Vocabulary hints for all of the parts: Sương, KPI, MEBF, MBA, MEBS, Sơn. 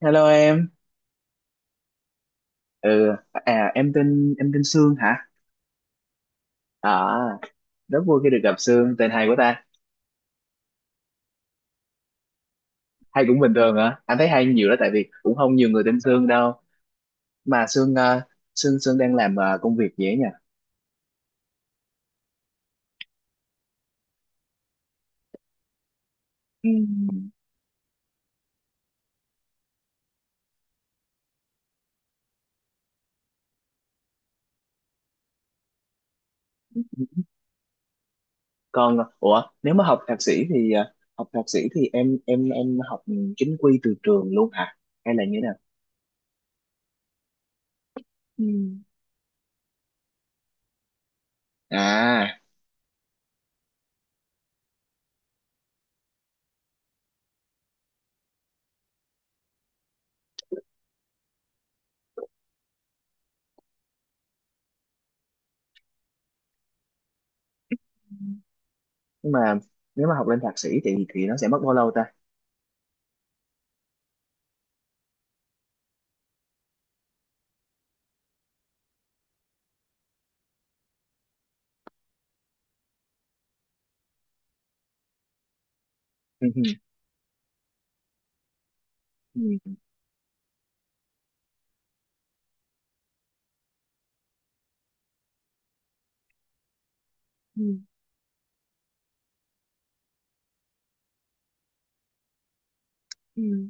Hello em. Ừ, à em tên Sương hả? À, rất vui khi được gặp Sương, tên hay của ta. Hay cũng bình thường hả? Anh thấy hay nhiều đó, tại vì cũng không nhiều người tên Sương đâu. Mà Sương, Sương đang làm công việc gì ấy nhỉ? Ừ. Còn ủa, nếu mà học thạc sĩ thì em học chính quy từ trường luôn hả? Hay là như thế nào? Ừ. À. Ừ. Nhưng mà nếu mà học lên thạc sĩ thì nó sẽ mất bao lâu ta? Ừ. Ừ. Ừ.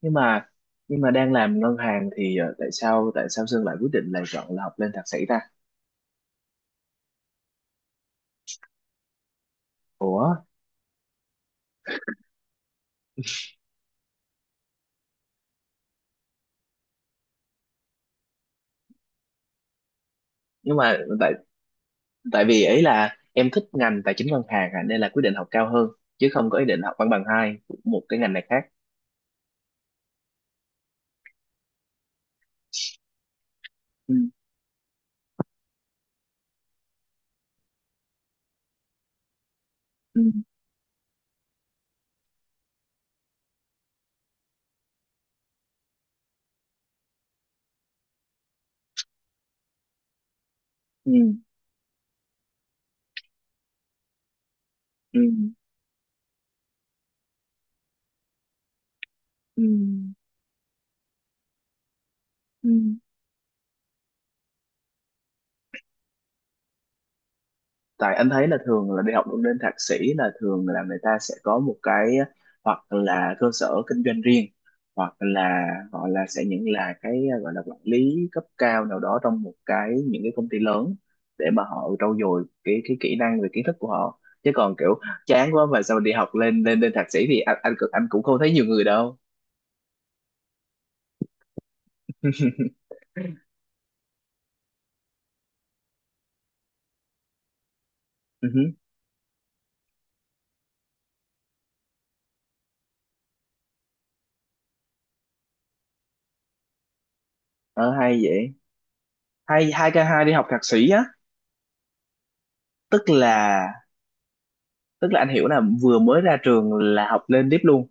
nhưng mà nhưng mà đang làm ngân hàng thì tại sao Sơn lại quyết định là chọn là học lên thạc sĩ ta? Ủa, nhưng mà tại tại vì ấy là em thích ngành tài chính ngân hàng à, nên là quyết định học cao hơn, chứ không có ý định học văn bằng hai của một cái ngành này khác. Ừ, ừ, ừ, ừ, ừ, ừ. Tại anh thấy là thường là đi học lên thạc sĩ là thường là người ta sẽ có một cái, hoặc là cơ sở kinh doanh riêng, hoặc là gọi là sẽ những là cái gọi là quản lý cấp cao nào đó trong một cái những cái công ty lớn, để mà họ trau dồi cái kỹ năng về kiến thức của họ, chứ còn kiểu chán quá mà sao đi học lên lên lên thạc sĩ thì anh cũng không thấy nhiều người đâu. Ừ, hứ. Ờ, hay vậy, hay 2k2 đi học thạc sĩ á? Tức là tức là anh hiểu là vừa mới ra trường là học lên tiếp luôn.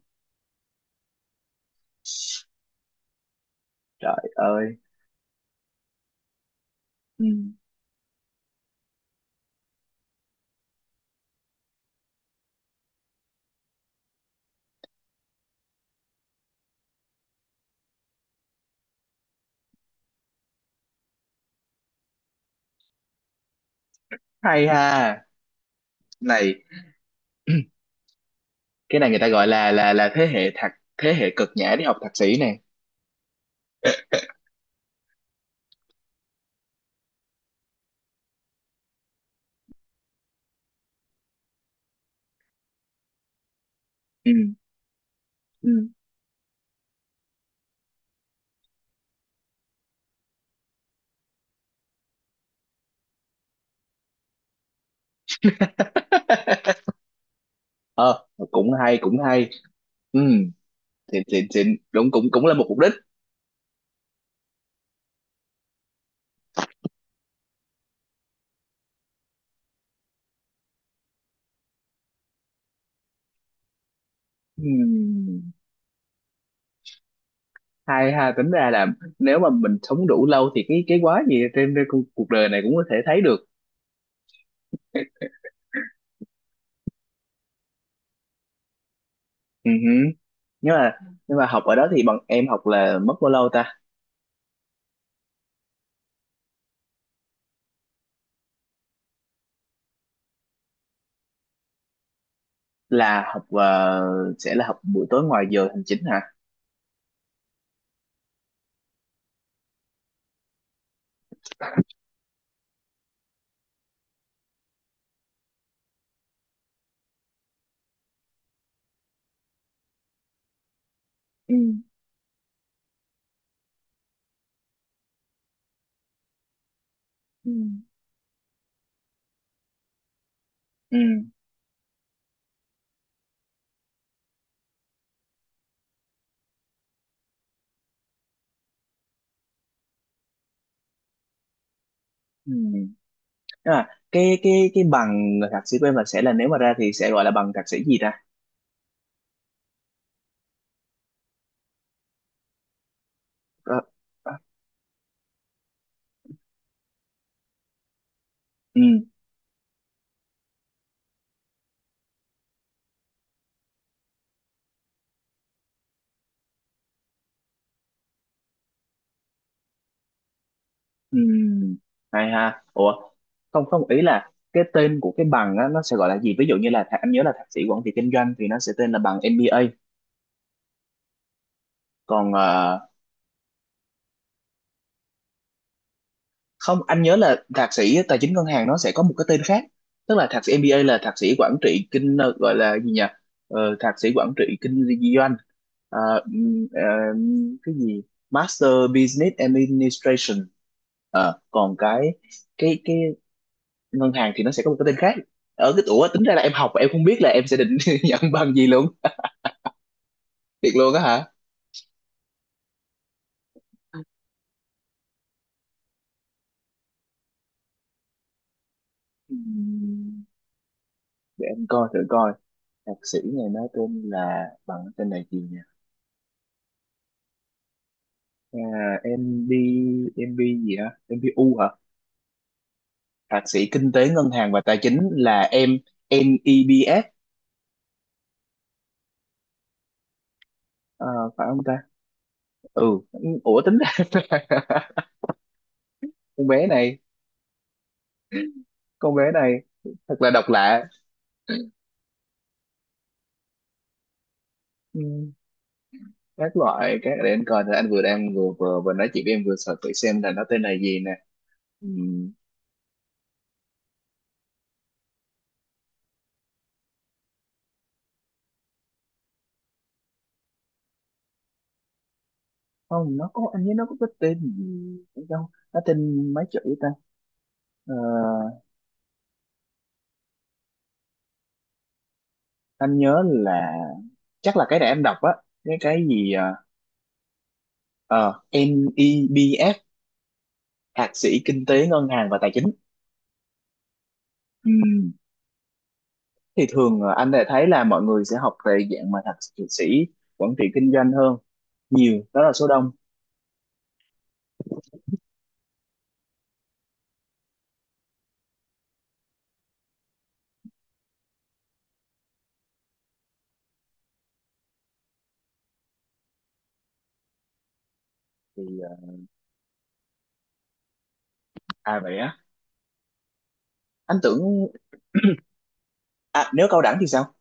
Trời ơi. Ừ. Hay ha. Này. Cái này người ta gọi là thế hệ cực nhã đi học thạc sĩ này. Ừ. Ừ. Ờ, cũng hay cũng hay. Ừ, xịn xịn xịn, đúng, cũng cũng là một mục đích. Ừ. Hay ha. Tính ra là nếu mà mình sống đủ lâu thì cái quá gì trên cái cuộc đời này cũng có thể thấy được. Ừ. Hử. nhưng mà nhưng mà học ở đó thì bọn em học là mất bao lâu ta? là học ờ, sẽ là học buổi tối ngoài giờ hành chính hả? Ừ. Ừ. Ừ. Ừ. Tức là cái cái bằng thạc sĩ của em là sẽ là, nếu mà ra thì sẽ gọi là bằng thạc sĩ gì ta? Ờ, ờ, ừ, ừ. Hay ha. Ủa, không, không, ý là cái tên của cái bằng á, nó sẽ gọi là gì, ví dụ như là thạc- anh nhớ là thạc sĩ quản trị kinh doanh thì nó sẽ tên là bằng MBA. Còn không, anh nhớ là thạc sĩ tài chính ngân hàng nó sẽ có một cái tên khác. Tức là thạc sĩ MBA là thạc sĩ quản trị kinh gọi là gì nhỉ, thạc sĩ quản trị kinh doanh. Ờ, cái gì, Master Business Administration. Ờ, còn cái cái ngân hàng thì nó sẽ có một cái tên khác. Ở cái tuổi tính ra là em học mà em không biết là em sẽ định nhận bằng gì luôn. Thiệt luôn á hả? Ừm, để em coi thử coi, thạc sĩ này nó tên là bằng tên này gì nhỉ. À, em đi em đi gì hả? Em đi U hả? Thạc sĩ kinh tế ngân hàng và tài chính là em MEBS, à, phải không ta? Ừ, ủa tính ra con bé này, con bé này thật là độc lạ. Ừ, Các loại các để anh coi, thì anh vừa nói chuyện với em vừa sợ thử xem là nó tên là gì nè. Ừ, không nó có, anh nhớ nó có cái tên gì đâu, nó tên mấy chữ ta. Ờ, anh nhớ là chắc là cái để em đọc á, cái gì à, Ờ, MEBF, thạc sĩ kinh tế ngân hàng và tài chính. Ừ. Thì thường anh đã thấy là mọi người sẽ học về dạng mà thạc sĩ quản trị kinh doanh hơn, nhiều đó là số đông. Thì ờ, à vậy á, anh tưởng, à, nếu cao đẳng thì sao?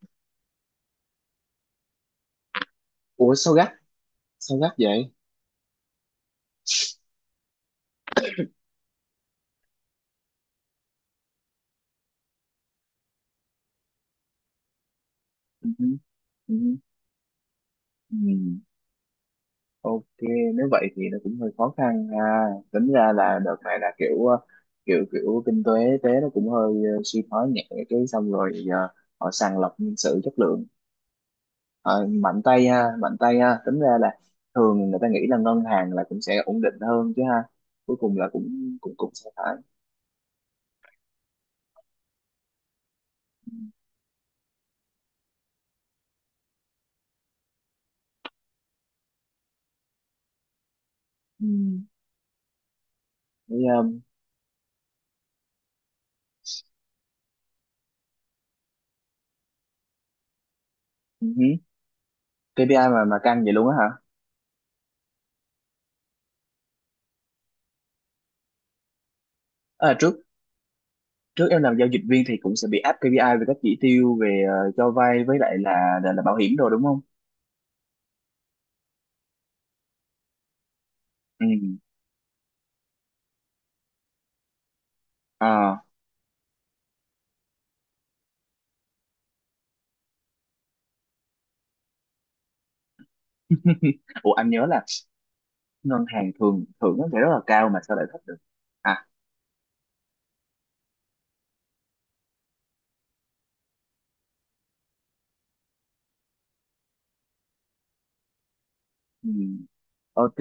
Ủa sao gắt, sao gắt vậy? Ừ. Ừ. Ừ, ok, nếu vậy thì nó cũng hơi khó khăn ha. Tính ra là đợt này là kiểu kiểu kiểu kinh tế tế nó cũng hơi suy thoái nhẹ, cái xong rồi giờ họ sàng lọc nhân sự chất lượng. Ờ, mạnh tay ha, mạnh tay ha, tính ra là thường người ta nghĩ là ngân hàng là cũng sẽ ổn định hơn chứ ha, cuối cùng là cũng cũng cũng sẽ phải. Ừ. Cái, um, ừ hứ. KPI mà căng vậy luôn á hả? À, trước trước em làm giao dịch viên thì cũng sẽ bị áp KPI về các chỉ tiêu về cho vay với lại là, bảo hiểm rồi đúng không? Ừ. Ờ. Ủa anh nhớ là ngân hàng thường thưởng nó sẽ rất là cao, mà sao lại thấp được. À. Ừ. Ok,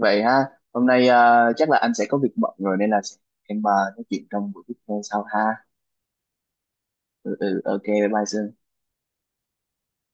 vậy ha. Hôm nay à, chắc là anh sẽ có việc bận rồi nên là em à, nói chuyện trong buổi tiếp theo sau ha. Ừ, ừ, ok, bye bye Sương.